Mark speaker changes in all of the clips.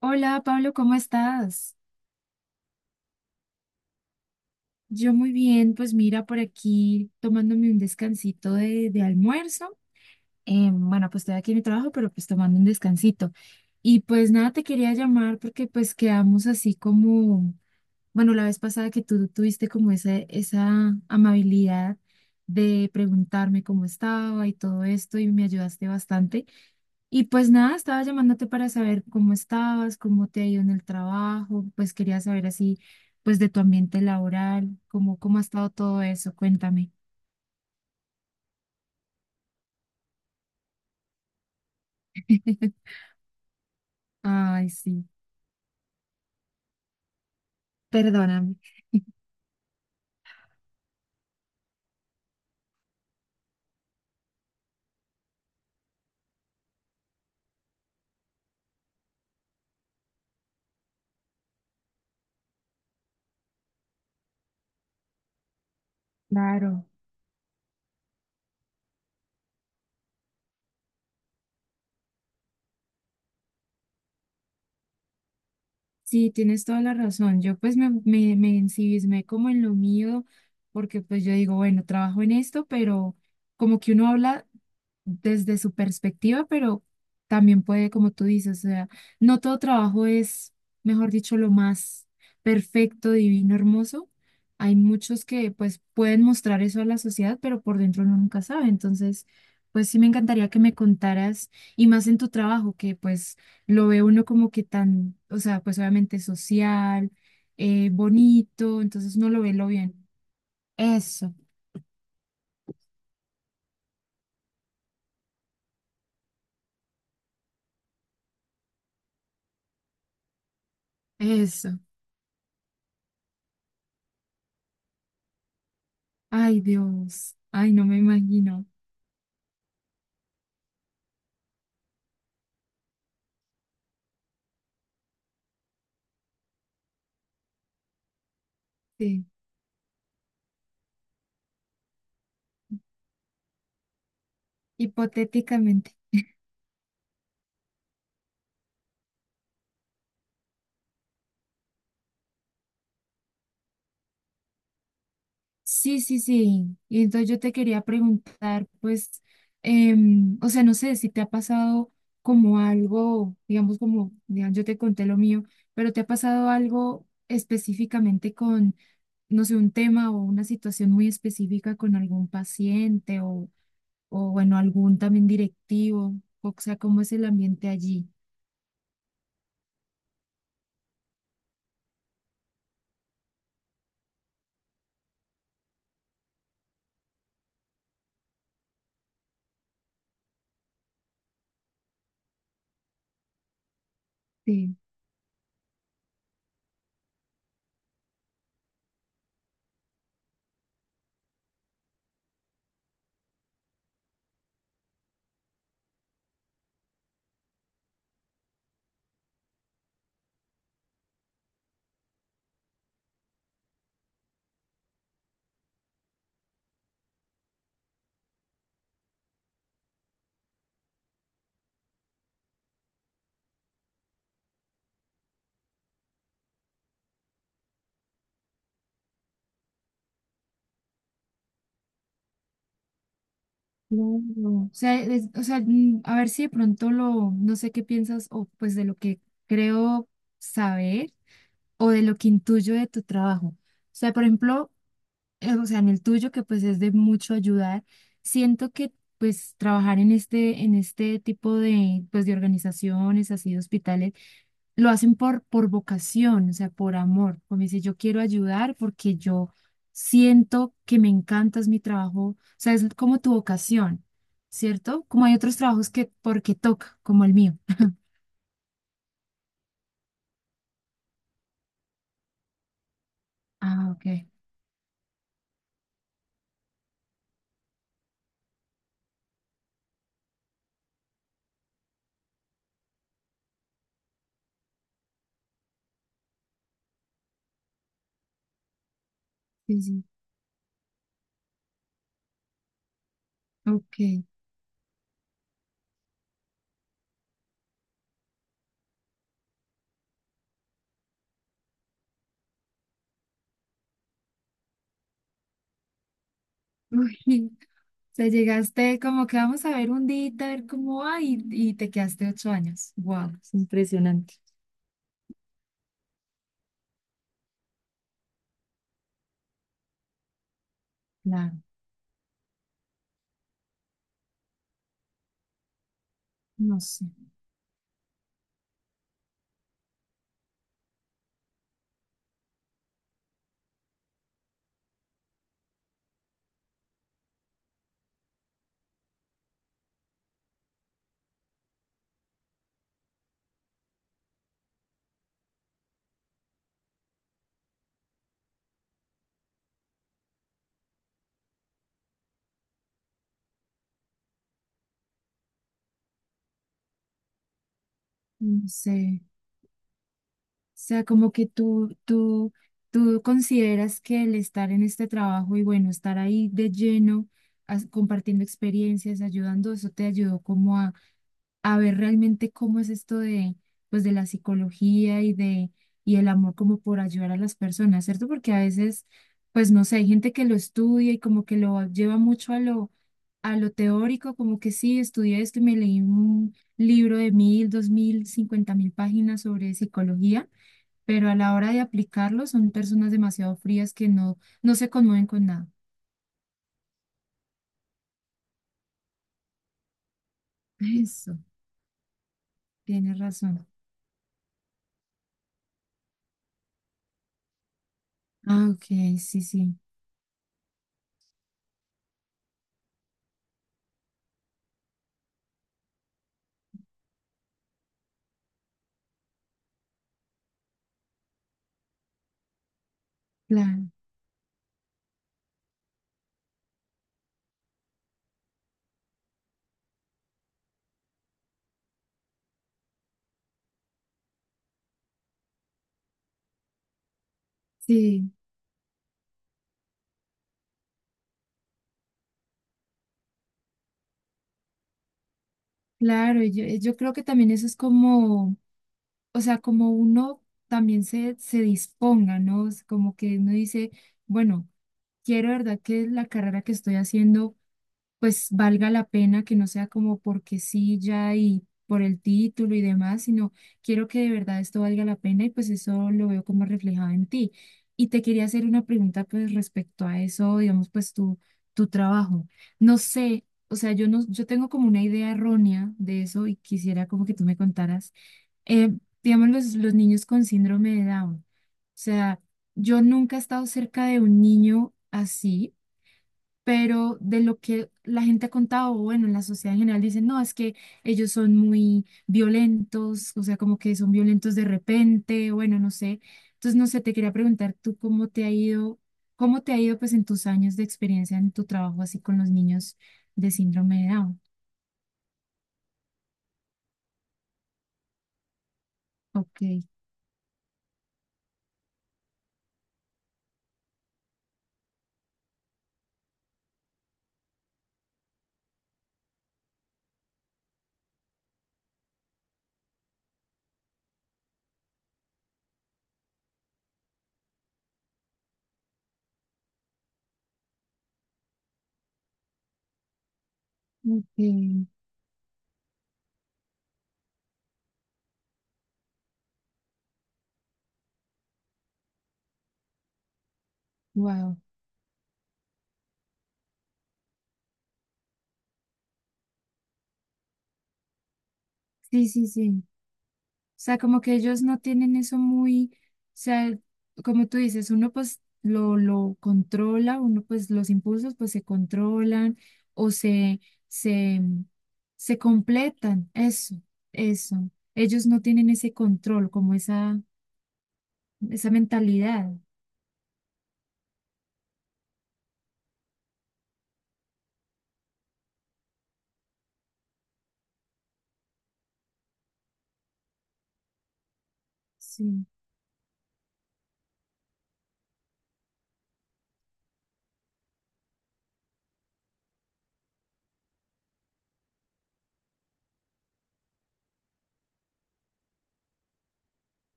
Speaker 1: Hola Pablo, ¿cómo estás? Yo muy bien, pues mira por aquí tomándome un descansito de almuerzo. Bueno, pues estoy aquí en mi trabajo, pero pues tomando un descansito. Y pues nada, te quería llamar porque pues quedamos así como bueno, la vez pasada que tú tuviste como esa amabilidad de preguntarme cómo estaba y todo esto y me ayudaste bastante. Y pues nada, estaba llamándote para saber cómo estabas, cómo te ha ido en el trabajo, pues quería saber así, pues de tu ambiente laboral, cómo ha estado todo eso, cuéntame. Ay, sí, perdóname. Claro. Sí, tienes toda la razón. Yo pues me ensimismé como en lo mío, porque pues yo digo, bueno, trabajo en esto, pero como que uno habla desde su perspectiva, pero también puede, como tú dices, o sea, no todo trabajo es, mejor dicho, lo más perfecto, divino, hermoso. Hay muchos que pues pueden mostrar eso a la sociedad, pero por dentro uno nunca sabe. Entonces, pues sí me encantaría que me contaras, y más en tu trabajo, que pues lo ve uno como que tan, o sea, pues obviamente social, bonito, entonces uno lo ve lo bien. Eso, eso. Ay, Dios. Ay, no me imagino. Sí. Hipotéticamente. Sí, sí, sí. Y entonces yo te quería preguntar, pues, o sea, no sé si te ha pasado como algo, digamos, como, digamos, yo te conté lo mío, pero te ha pasado algo específicamente con, no sé, un tema o una situación muy específica con algún paciente o bueno, algún también directivo, o sea, ¿cómo es el ambiente allí? Sí. No, no. O sea, o sea, mm, a ver si de pronto lo, no sé qué piensas, o pues de lo que creo saber, o de lo que intuyo de tu trabajo. O sea, por ejemplo, o sea, en el tuyo, que pues es de mucho ayudar, siento que pues trabajar en este tipo de, pues, de organizaciones, así de hospitales, lo hacen por vocación, o sea, por amor. Como dice, yo quiero ayudar porque yo siento que me encanta, es mi trabajo, o sea, es como tu vocación, ¿cierto? Como hay otros trabajos que porque toca, como el mío. Ah, ok. Sí, sí. Ok. Te llegaste como que vamos a ver un día, a ver cómo va, y te quedaste 8 años. Wow, es impresionante. Claro, no sé, no sé. O sea, como que tú consideras que el estar en este trabajo y bueno, estar ahí de lleno, compartiendo experiencias, ayudando, eso te ayudó como a ver realmente cómo es esto de, pues, de la psicología y de, y el amor como por ayudar a las personas, ¿cierto? Porque a veces, pues, no sé, hay gente que lo estudia y como que lo lleva mucho a lo teórico, como que sí, estudié esto y me leí un libro de 1.000, 2.000, 50.000 páginas sobre psicología, pero a la hora de aplicarlo son personas demasiado frías que no, no se conmueven con nada. Eso, tienes razón. Ah, ok, sí, sí, claro, sí. Claro, y yo, yo creo que también eso es como, o sea, como uno también se disponga, ¿no? Es como que uno dice, bueno, quiero, ¿verdad? Que la carrera que estoy haciendo pues valga la pena, que no sea como porque sí ya y por el título y demás, sino quiero que de verdad esto valga la pena y pues eso lo veo como reflejado en ti. Y te quería hacer una pregunta pues respecto a eso, digamos pues tu trabajo. No sé, o sea, yo no, yo tengo como una idea errónea de eso y quisiera como que tú me contaras. Eh, digamos los niños con síndrome de Down. O sea, yo nunca he estado cerca de un niño así, pero de lo que la gente ha contado, o bueno, en la sociedad en general dicen, no, es que ellos son muy violentos, o sea, como que son violentos de repente, bueno, no sé. Entonces, no sé, te quería preguntar tú cómo te ha ido, cómo te ha ido pues en tus años de experiencia en tu trabajo así con los niños de síndrome de Down. Ok, ok, wow. Sí, sí, sí. Sea, como que ellos no tienen eso muy, o sea, como tú dices, uno pues lo controla, uno pues los impulsos pues se controlan o se, se, se completan, eso, eso. Ellos no tienen ese control, como esa mentalidad. Sí.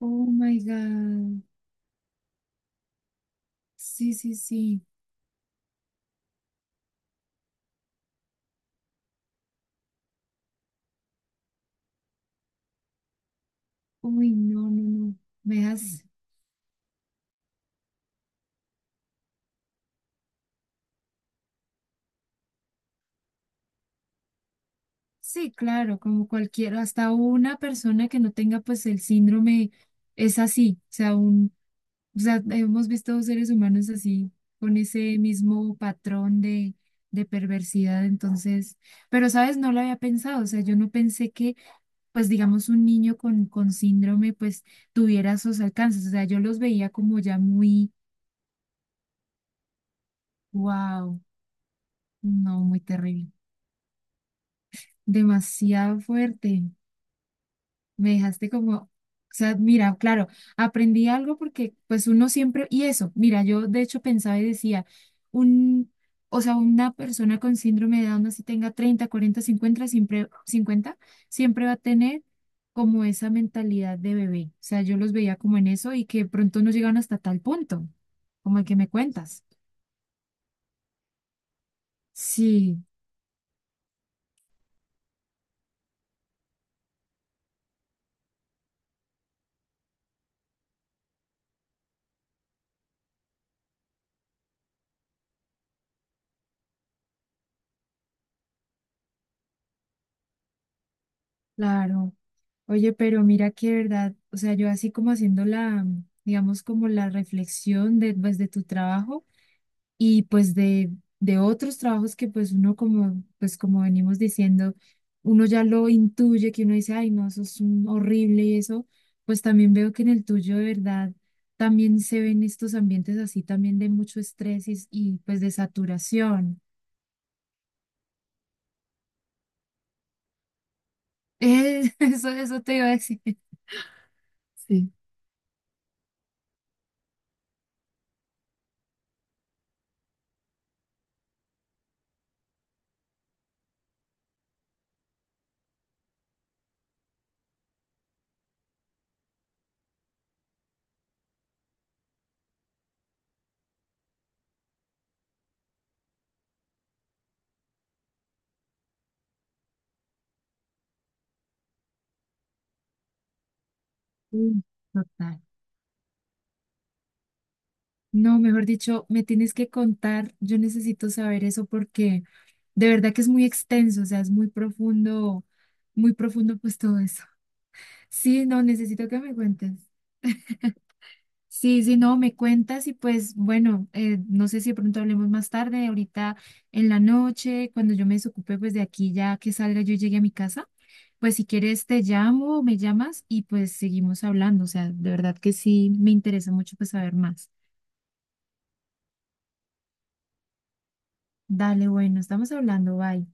Speaker 1: Oh my God. Sí, sí, sí. Uy, no, no, no. Me dejas. Sí, claro, como cualquiera, hasta una persona que no tenga pues el síndrome es así, o sea, un, o sea, hemos visto seres humanos así, con ese mismo patrón de perversidad, entonces, pero sabes, no lo había pensado, o sea, yo no pensé que pues digamos un niño con síndrome pues tuviera esos alcances, o sea, yo los veía como ya muy, wow, no, muy terrible, demasiado fuerte. Me dejaste como, o sea, mira, claro, aprendí algo porque pues uno siempre, y eso, mira, yo de hecho pensaba y decía, un, o sea, una persona con síndrome de Down, así tenga 30 40 50 siempre, 50 siempre va a tener como esa mentalidad de bebé. O sea, yo los veía como en eso y que pronto no llegan hasta tal punto, como el que me cuentas. Sí, claro. Oye, pero mira que verdad, o sea, yo así como haciendo la, digamos, como la reflexión de, pues, de tu trabajo y pues de otros trabajos que pues uno como, pues como venimos diciendo, uno ya lo intuye, que uno dice, ay, no, eso es un horrible y eso, pues también veo que en el tuyo de verdad también se ven estos ambientes así también de mucho estrés pues de saturación. Eso, eso te iba a decir. Sí. Mm, total. No, mejor dicho, me tienes que contar, yo necesito saber eso porque de verdad que es muy extenso, o sea, es muy profundo pues todo eso. Sí, no, necesito que me cuentes. Sí, sí, no, me cuentas y pues bueno, no sé si de pronto hablemos más tarde, ahorita en la noche, cuando yo me desocupe pues de aquí ya que salga yo y llegue a mi casa, pues si quieres te llamo o me llamas y pues seguimos hablando, o sea, de verdad que sí, me interesa mucho pues saber más. Dale, bueno, estamos hablando, bye.